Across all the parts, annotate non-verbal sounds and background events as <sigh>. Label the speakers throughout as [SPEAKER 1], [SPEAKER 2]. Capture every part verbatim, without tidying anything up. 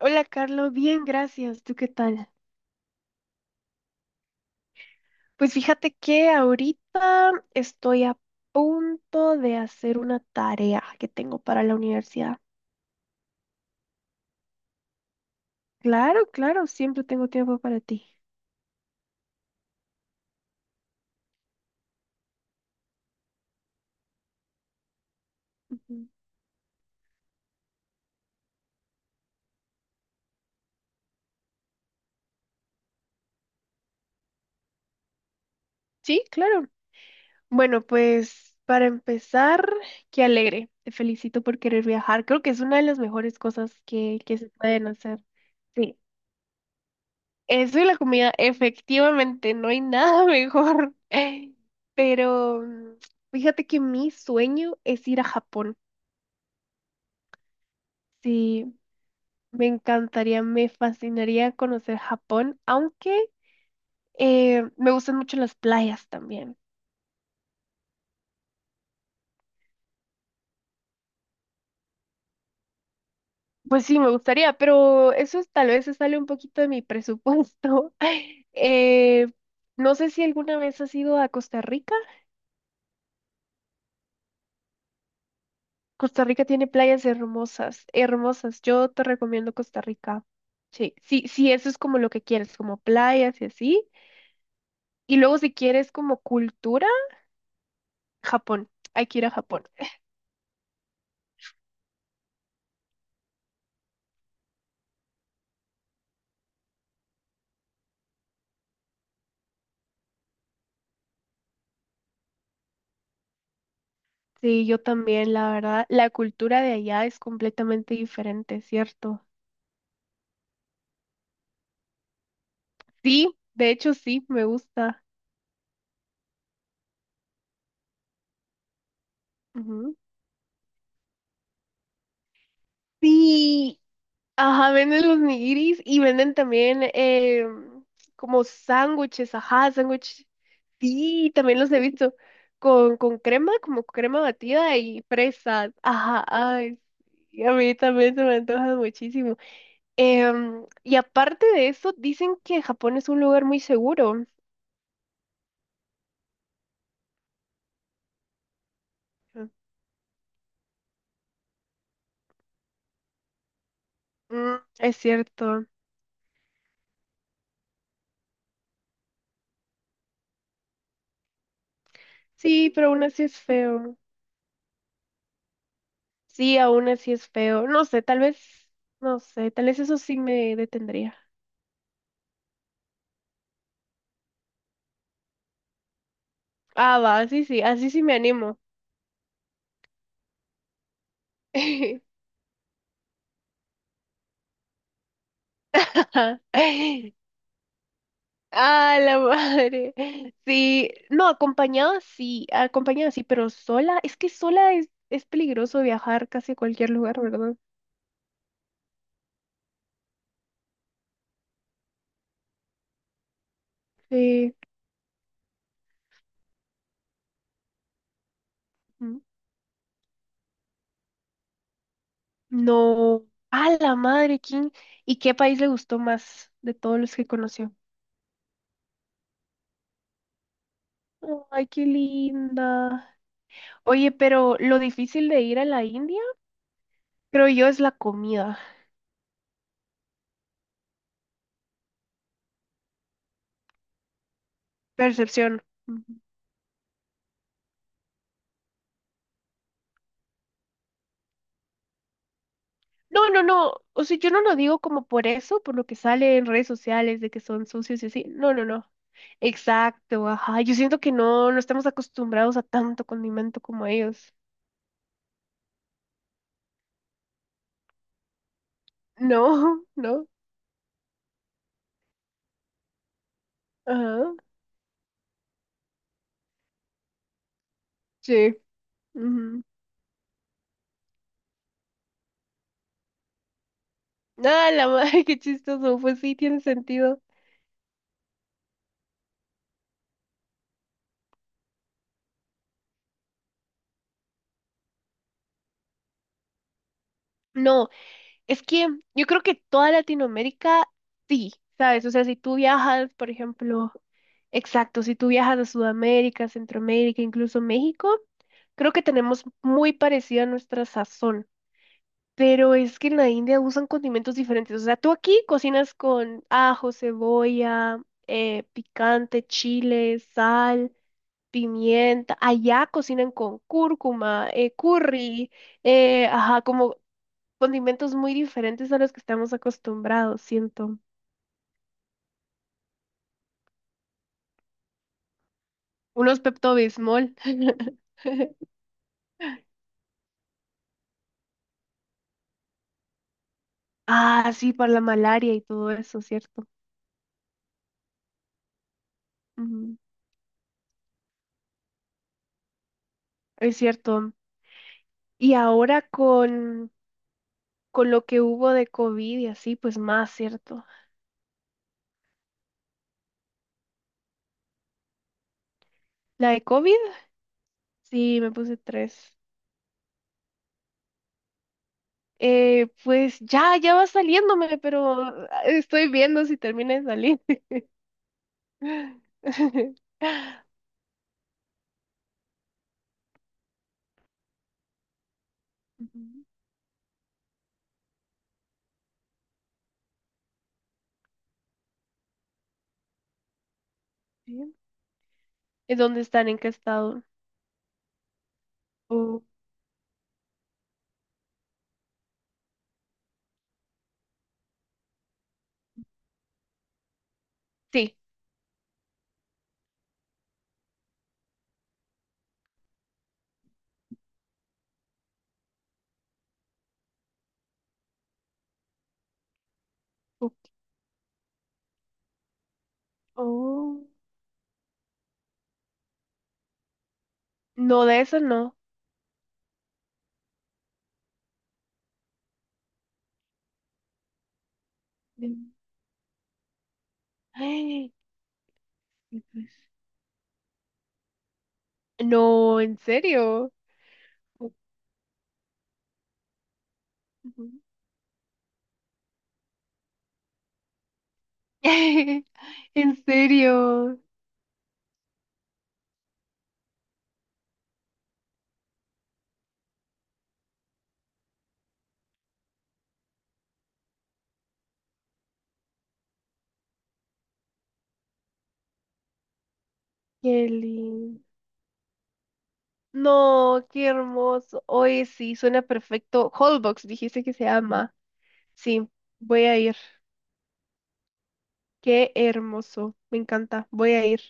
[SPEAKER 1] Hola, Carlos. Bien, gracias. ¿Tú qué tal? Pues fíjate que ahorita estoy a punto de hacer una tarea que tengo para la universidad. Claro, claro, siempre tengo tiempo para ti. Ujú. Sí, claro. Bueno, pues para empezar, qué alegre. Te felicito por querer viajar. Creo que es una de las mejores cosas que, que se pueden hacer. Sí. Eso y la comida, efectivamente, no hay nada <laughs> mejor. Pero mm, fíjate que mi sueño es ir a Japón. Sí, me encantaría, me fascinaría conocer Japón, aunque eh, me gustan mucho las playas también. Pues sí, me gustaría, pero eso es- tal vez se sale un poquito de mi presupuesto. <laughs> Eh, no sé si alguna vez has ido a Costa Rica. Costa Rica tiene playas hermosas, hermosas. Yo te recomiendo Costa Rica. Sí, sí, sí, eso es como lo que quieres, como playas y así. Y luego si quieres como cultura, Japón. Hay que ir a Japón. Sí, yo también, la verdad, la cultura de allá es completamente diferente, ¿cierto? Sí, de hecho sí, me gusta. Ujú. Sí, ajá, venden los nigiris y venden también eh, como sándwiches, ajá, sándwiches. Sí, también los he visto con, con crema, como crema batida y fresas. Ajá, ay, y a mí también se me antoja muchísimo. Em, y aparte de eso, dicen que Japón es un lugar muy seguro. Mm, es cierto. Sí, pero aún así es feo. Sí, aún así es feo. No sé, tal vez, no sé, tal vez eso sí me detendría. Ah, va, así sí, así sí me animo. <laughs> Ah, la madre. Sí, no, acompañada sí, acompañada sí, pero sola, es que sola es, es peligroso viajar casi a cualquier lugar, ¿verdad? Sí. Mm. No. Ah, la madre, ¿quién? ¿Y qué país le gustó más de todos los que conoció? Ay, qué linda. Oye, pero lo difícil de ir a la India, creo yo, es la comida. Percepción. No, no, no. O sea, yo no lo digo como por eso, por lo que sale en redes sociales de que son sucios y así. No, no, no. Exacto, ajá. Yo siento que no, no estamos acostumbrados a tanto condimento como ellos. No, <laughs> no. Ajá. Sí. Ujú. Ah, la madre, <laughs> qué chistoso. Pues sí, tiene sentido. No. Es que yo creo que toda Latinoamérica, sí, ¿sabes? O sea, si tú viajas, por ejemplo, exacto, si tú viajas a Sudamérica, Centroamérica, incluso México, creo que tenemos muy parecida nuestra sazón. Pero es que en la India usan condimentos diferentes. O sea, tú aquí cocinas con ajo, cebolla, eh, picante, chile, sal, pimienta. Allá cocinan con cúrcuma, eh, curry, eh, ajá, como condimentos muy diferentes a los que estamos acostumbrados, siento. Unos Pepto-Bismol. <laughs> Ah, sí, para la malaria y todo eso, ¿cierto? Ujú, es cierto. Y ahora con, con lo que hubo de COVID y así, pues más, ¿cierto? La de COVID, sí, me puse tres. Eh, pues ya, ya va saliéndome, pero estoy viendo si termina de salir. <laughs> Ujú, bien. ¿En dónde están? ¿En qué estado? Oh, sí. Oh, oh. No, de eso no. De- Ay, pues, no, en serio. Ujú. <laughs> En serio, Kelly. No, qué hermoso. Oye, sí, suena perfecto. Holbox, dijiste que se llama. Sí, voy a ir. Qué hermoso. Me encanta. Voy a ir.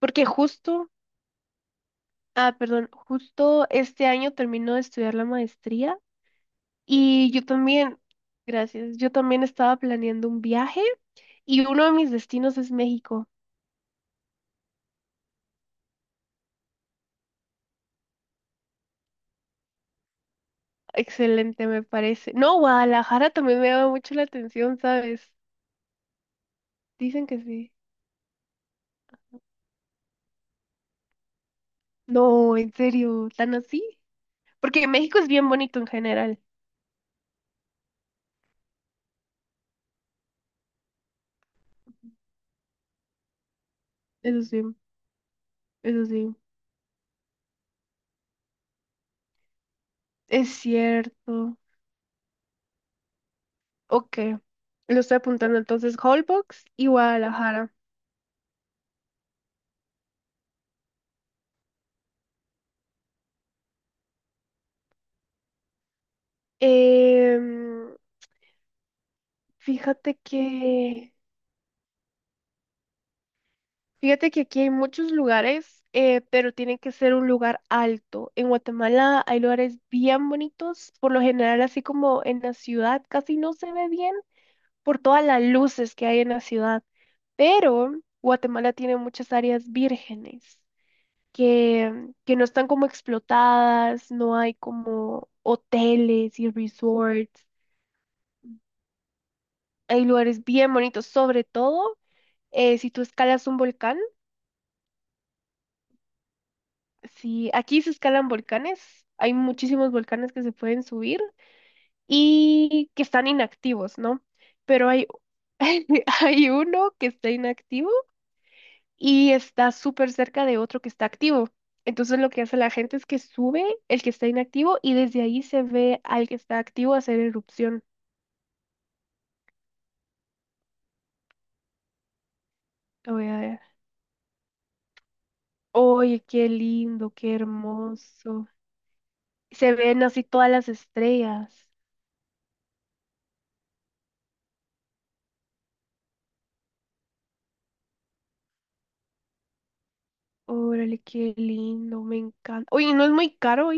[SPEAKER 1] Porque justo, ah, perdón, justo este año termino de estudiar la maestría y yo también, gracias, yo también estaba planeando un viaje. Y uno de mis destinos es México. Excelente, me parece. No, Guadalajara también me llama mucho la atención, ¿sabes? Dicen que sí. No, en serio, tan así. Porque México es bien bonito en general. Eso sí, eso sí. Es cierto. Ok, lo estoy apuntando entonces, Holbox y Guadalajara. Em, fíjate que Fíjate que aquí hay muchos lugares, eh, pero tiene que ser un lugar alto. En Guatemala hay lugares bien bonitos, por lo general así como en la ciudad casi no se ve bien por todas las luces que hay en la ciudad, pero Guatemala tiene muchas áreas vírgenes que, que no están como explotadas, no hay como hoteles y resorts, hay lugares bien bonitos, sobre todo eh, si tú escalas un volcán. Sí, aquí se escalan volcanes, hay muchísimos volcanes que se pueden subir y que están inactivos, ¿no? Pero hay, <laughs> hay uno que está inactivo y está súper cerca de otro que está activo. Entonces lo que hace la gente es que sube el que está inactivo y desde ahí se ve al que está activo hacer erupción. Lo voy a ver. Oye, qué lindo, qué hermoso. Se ven así todas las estrellas. Órale, qué lindo, me encanta. Oye, ¿no es muy caro?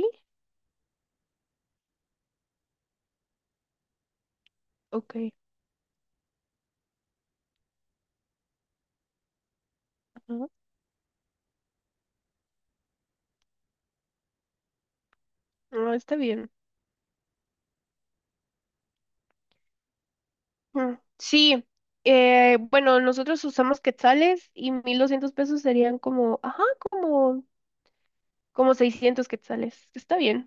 [SPEAKER 1] Ok, ajá. No, está bien. Mm, sí, eh, bueno, nosotros usamos quetzales y mil doscientos pesos serían como, ajá, como, como seiscientos quetzales. Está bien.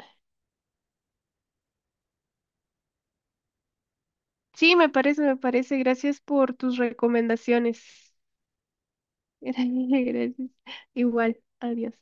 [SPEAKER 1] Sí, me parece, me parece. Gracias por tus recomendaciones. <laughs> Gracias. Igual, adiós.